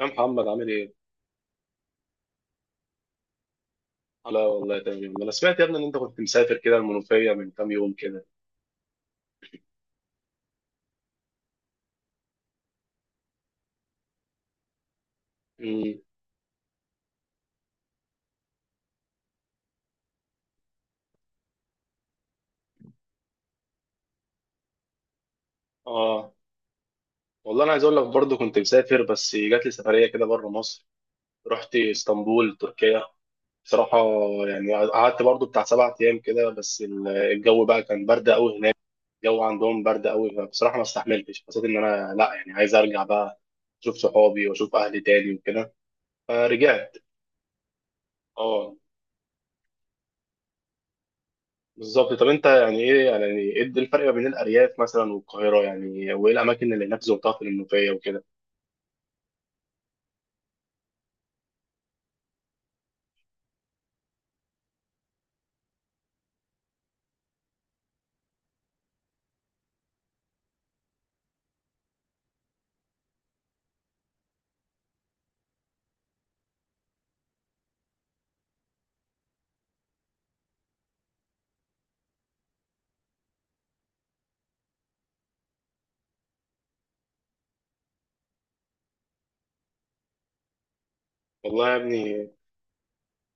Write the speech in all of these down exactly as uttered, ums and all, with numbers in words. يا محمد عامل ايه؟ لا والله تمام، انا سمعت يا ابني ان انت كنت مسافر كده المنوفية من كام يوم كده. امم اه، والله انا عايز اقول لك برضه كنت مسافر، بس جات لي سفرية كده بره مصر. رحت اسطنبول تركيا. بصراحة يعني قعدت برضه بتاع سبع ايام كده، بس ال- الجو بقى كان برد قوي هناك. الجو عندهم برد قوي، فبصراحة ما استحملتش، حسيت ان انا لا يعني عايز ارجع بقى، اشوف صحابي واشوف اهلي تاني وكده، فرجعت. اه، بالظبط. طب انت يعني ايه، يعني ايه الفرق ما بين الارياف مثلا والقاهره يعني، وايه الاماكن اللي هناك زرتها في المنوفيه وكده؟ والله يا ابني،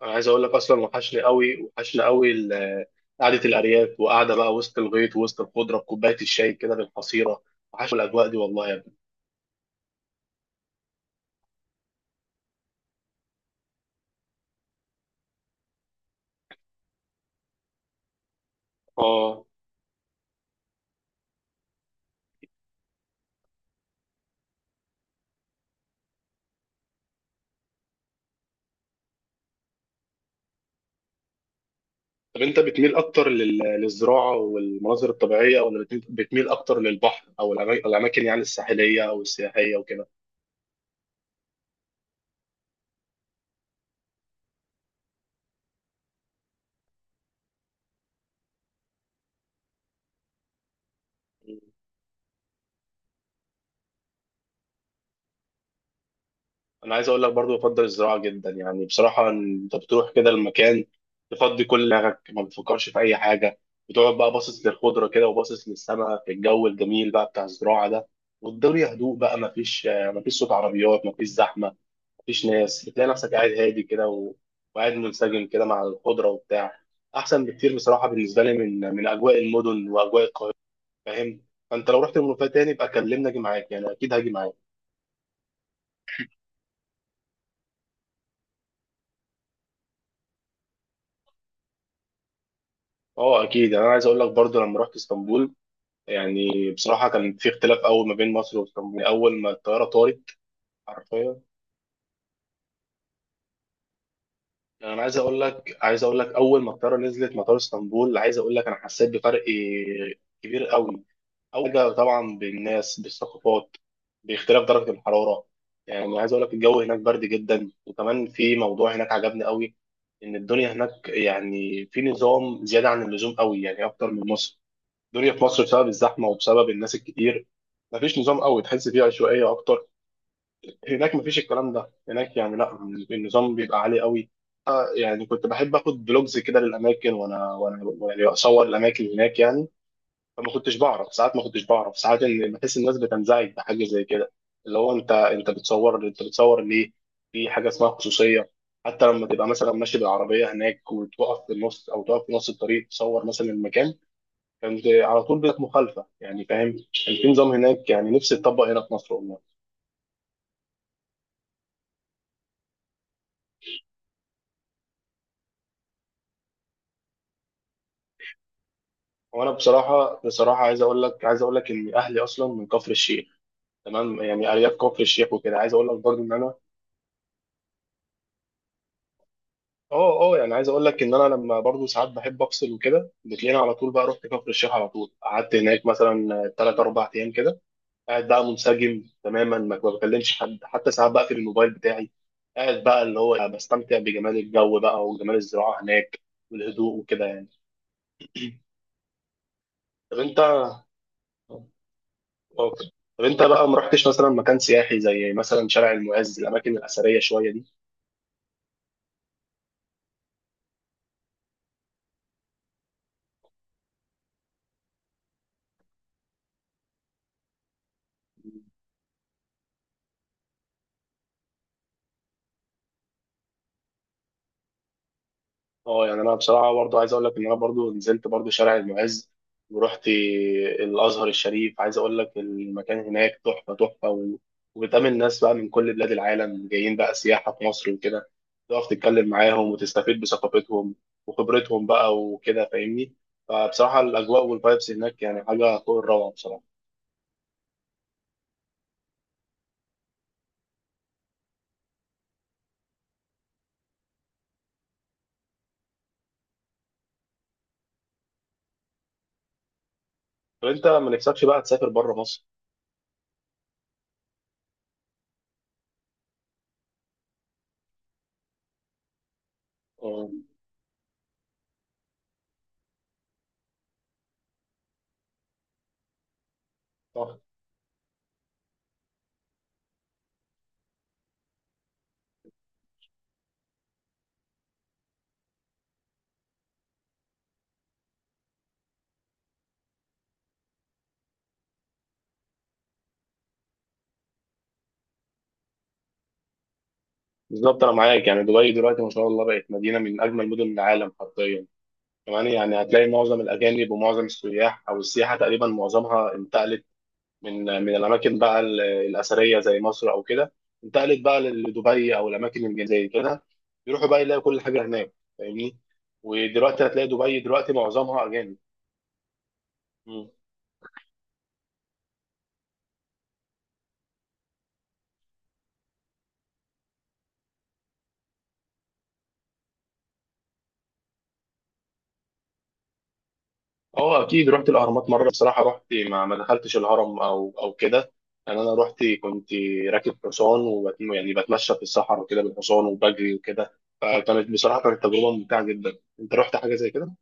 انا عايز اقول لك اصلا وحشني قوي، وحشني قوي ال- قعده الارياف، وقعده بقى وسط الغيط، وسط الخضره بكوبايه الشاي كده بالحصيره. وحشني الاجواء دي والله يا ابني. اه، طب انت بتميل اكتر لل- للزراعه والمناظر الطبيعيه، ولا بت- بتميل اكتر للبحر او الأما- الاماكن يعني الساحليه او السياحيه وكده؟ انا عايز اقول لك برضو بفضل الزراعه جدا، يعني بصراحه انت بتروح كده المكان، تفضي كل دماغك، ما بتفكرش في اي حاجه، بتقعد بقى باصص للخضره كده، وباصص للسماء في الجو الجميل بقى بتاع الزراعه ده. والدنيا هدوء بقى، ما فيش ما فيش صوت عربيات، ما فيش زحمه، ما فيش ناس، بتلاقي نفسك قاعد هادي كده و- وقاعد منسجم كده مع الخضره وبتاع. احسن بكتير بصراحه بالنسبه لي من من اجواء المدن واجواء القاهره، فاهم. فانت لو رحت المنوفيه تاني يبقى كلمني اجي معاك، يعني اكيد هاجي معاك. اه اكيد، يعني انا عايز اقول لك برضو لما رحت اسطنبول، يعني بصراحة كان في اختلاف قوي ما بين مصر واسطنبول، يعني أول ما الطيارة طارت، حرفيا. يعني أنا عايز أقول لك، عايز أقول لك أول ما الطيارة نزلت مطار اسطنبول، عايز أقول لك أنا حسيت بفرق كبير قوي. أول حاجة طبعا بالناس، بالثقافات، باختلاف درجة الحرارة. يعني عايز أقول لك الجو هناك برد جدا، وكمان في موضوع هناك عجبني قوي، إن الدنيا هناك يعني في نظام زيادة عن اللزوم قوي، يعني أكتر من مصر. الدنيا في مصر بسبب الزحمة وبسبب الناس الكتير مفيش نظام قوي، تحس فيه عشوائية أكتر. هناك مفيش الكلام ده، هناك يعني لا، النظام بيبقى عالي قوي. آه، يعني كنت بحب اخد بلوجز كده للاماكن، وانا وانا يعني اصور الاماكن هناك يعني. فما كنتش بعرف ساعات ما كنتش بعرف ساعات ان بحس الناس بتنزعج بحاجه زي كده، اللي هو انت، انت بتصور، انت بتصور ليه؟ في حاجه اسمها خصوصيه. حتى لما تبقى مثلا ماشي بالعربيه هناك، وتقف في النص او تقف في نص الطريق تصور مثلا المكان، كانت على طول بقت مخالفه، يعني فاهم. كان في نظام هناك يعني نفسي يتطبق هنا في مصر والله. وانا بصراحه، بصراحه عايز اقول لك، عايز اقول لك ان اهلي اصلا من كفر الشيخ، تمام. يعني ارياف كفر الشيخ وكده، عايز اقول لك برضو ان انا، اه اه يعني عايز اقول لك ان انا لما برضو ساعات بحب افصل وكده، بتلاقيني على طول بقى رحت كفر الشيخ، على طول قعدت هناك مثلا ثلاث اربع ايام كده، قاعد بقى منسجم تماما، ما ما بكلمش حد، حتى ساعات بقفل الموبايل بتاعي، قاعد بقى اللي هو بستمتع بجمال الجو بقى، وجمال الزراعه هناك والهدوء وكده يعني. طب انت ممكن، طب انت بقى ما رحتش مثلا مكان سياحي زي مثلا شارع المعز، الاماكن الاثريه شويه دي؟ اه، يعني انا بصراحه برضو عايز اقول لك ان انا برضو نزلت برضو شارع المعز، ورحت الازهر الشريف. عايز اقول لك المكان هناك تحفه، تحفه و... وبتقابل ناس بقى من كل بلاد العالم جايين بقى سياحه في مصر وكده، تقف تتكلم معاهم وتستفيد بثقافتهم وخبرتهم بقى وكده، فاهمني. فبصراحه الاجواء والفايبس هناك يعني حاجه فوق الروعه بصراحه. طب انت ما نفسكش بقى تسافر بره مصر؟ اه صح، بالظبط. انا معاك، يعني دبي دلوقتي ما شاء الله بقت مدينه من اجمل مدن العالم حرفيا. كمان يعني هتلاقي معظم الاجانب ومعظم السياح او السياحه تقريبا معظمها انتقلت من من الاماكن بقى ال- الاثريه زي مصر او كده، انتقلت بقى لدبي او الاماكن اللي زي كده، يروحوا بقى يلاقوا كل حاجه هناك، فاهمني. ودلوقتي هتلاقي دبي دلوقتي معظمها اجانب. اه اكيد رحت الاهرامات مره، بصراحه رحت، ما, ما دخلتش الهرم او او كده. يعني انا رحت كنت راكب حصان وبت... يعني بتمشى في الصحراء وكده بالحصان وبجري وكده، فكانت بصراحه كانت تجربه ممتعه جدا. انت رحت حاجه زي كده؟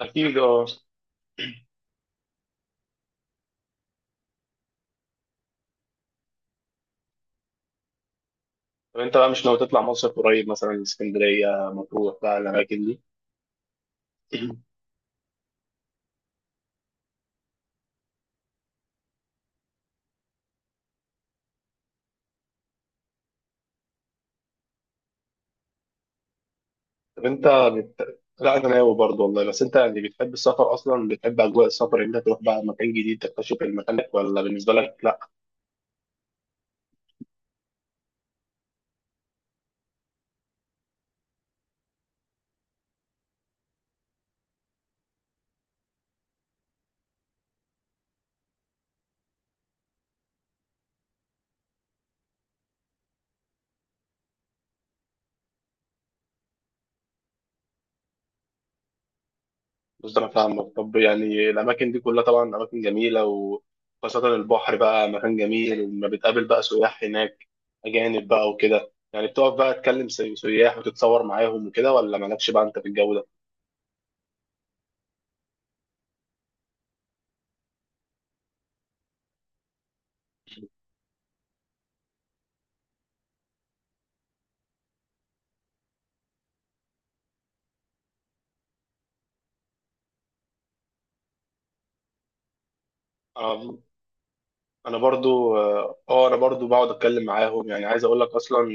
اكيد اه. طب انت بقى مش ناوي تطلع مصر قريب مثلا اسكندريه، مطروح بقى الاماكن دي؟ طب انت بت... لا انا ناوي برضه والله، بس انت يعني بتحب السفر اصلا؟ بتحب اجواء السفر إن انت تروح بقى مكان جديد تكتشف المكان، ولا بالنسبه لك؟ بص، انا فاهمك. طب يعني الاماكن دي كلها طبعا اماكن جميله، وخاصه البحر بقى مكان جميل، وما بتقابل بقى سياح هناك اجانب بقى وكده، يعني بتقف بقى تكلم سي- سياح وتتصور معاهم وكده، ولا مالكش بقى انت في الجو ده؟ انا أنا برضو، اه انا برضو بقعد اتكلم معاهم، يعني عايز اقول لك اصلا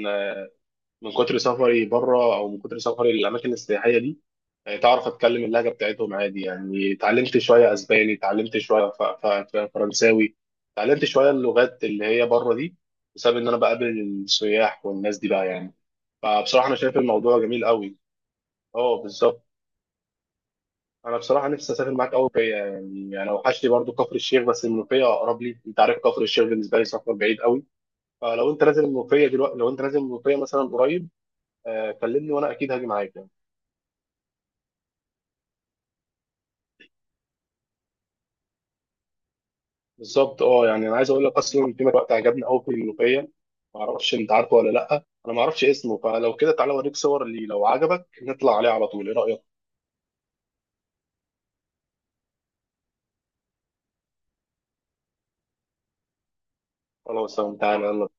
من كتر سفري بره، او من كتر سفري للاماكن السياحيه دي، يعني تعرف اتكلم اللهجه بتاعتهم عادي، يعني اتعلمت شويه اسباني، اتعلمت شويه ف... ف... ف- فرنساوي، اتعلمت شويه اللغات اللي هي بره دي، بسبب ان انا بقابل السياح والناس دي بقى يعني. فبصراحه انا شايف الموضوع جميل قوي. اه بالظبط. انا بصراحه نفسي اسافر معاك قوي فيا، يعني انا وحشني برضو كفر الشيخ، بس المنوفيه اقرب لي، انت عارف كفر الشيخ بالنسبه لي سفر بعيد قوي، فلو انت نازل المنوفيه دلوقتي، لو انت نازل المنوفيه مثلا قريب، آه، كلمني وانا اكيد هاجي معاك يعني. بالظبط اه، يعني انا عايز اقول لك اصلا في وقت عجبني قوي في الملوخيه، ما اعرفش انت عارفه ولا لا، انا ما اعرفش اسمه، فلو كده تعالى اوريك صور ليه، لو عجبك نطلع عليه على طول، ايه رايك؟ خلاص تمام، تعالى يلا.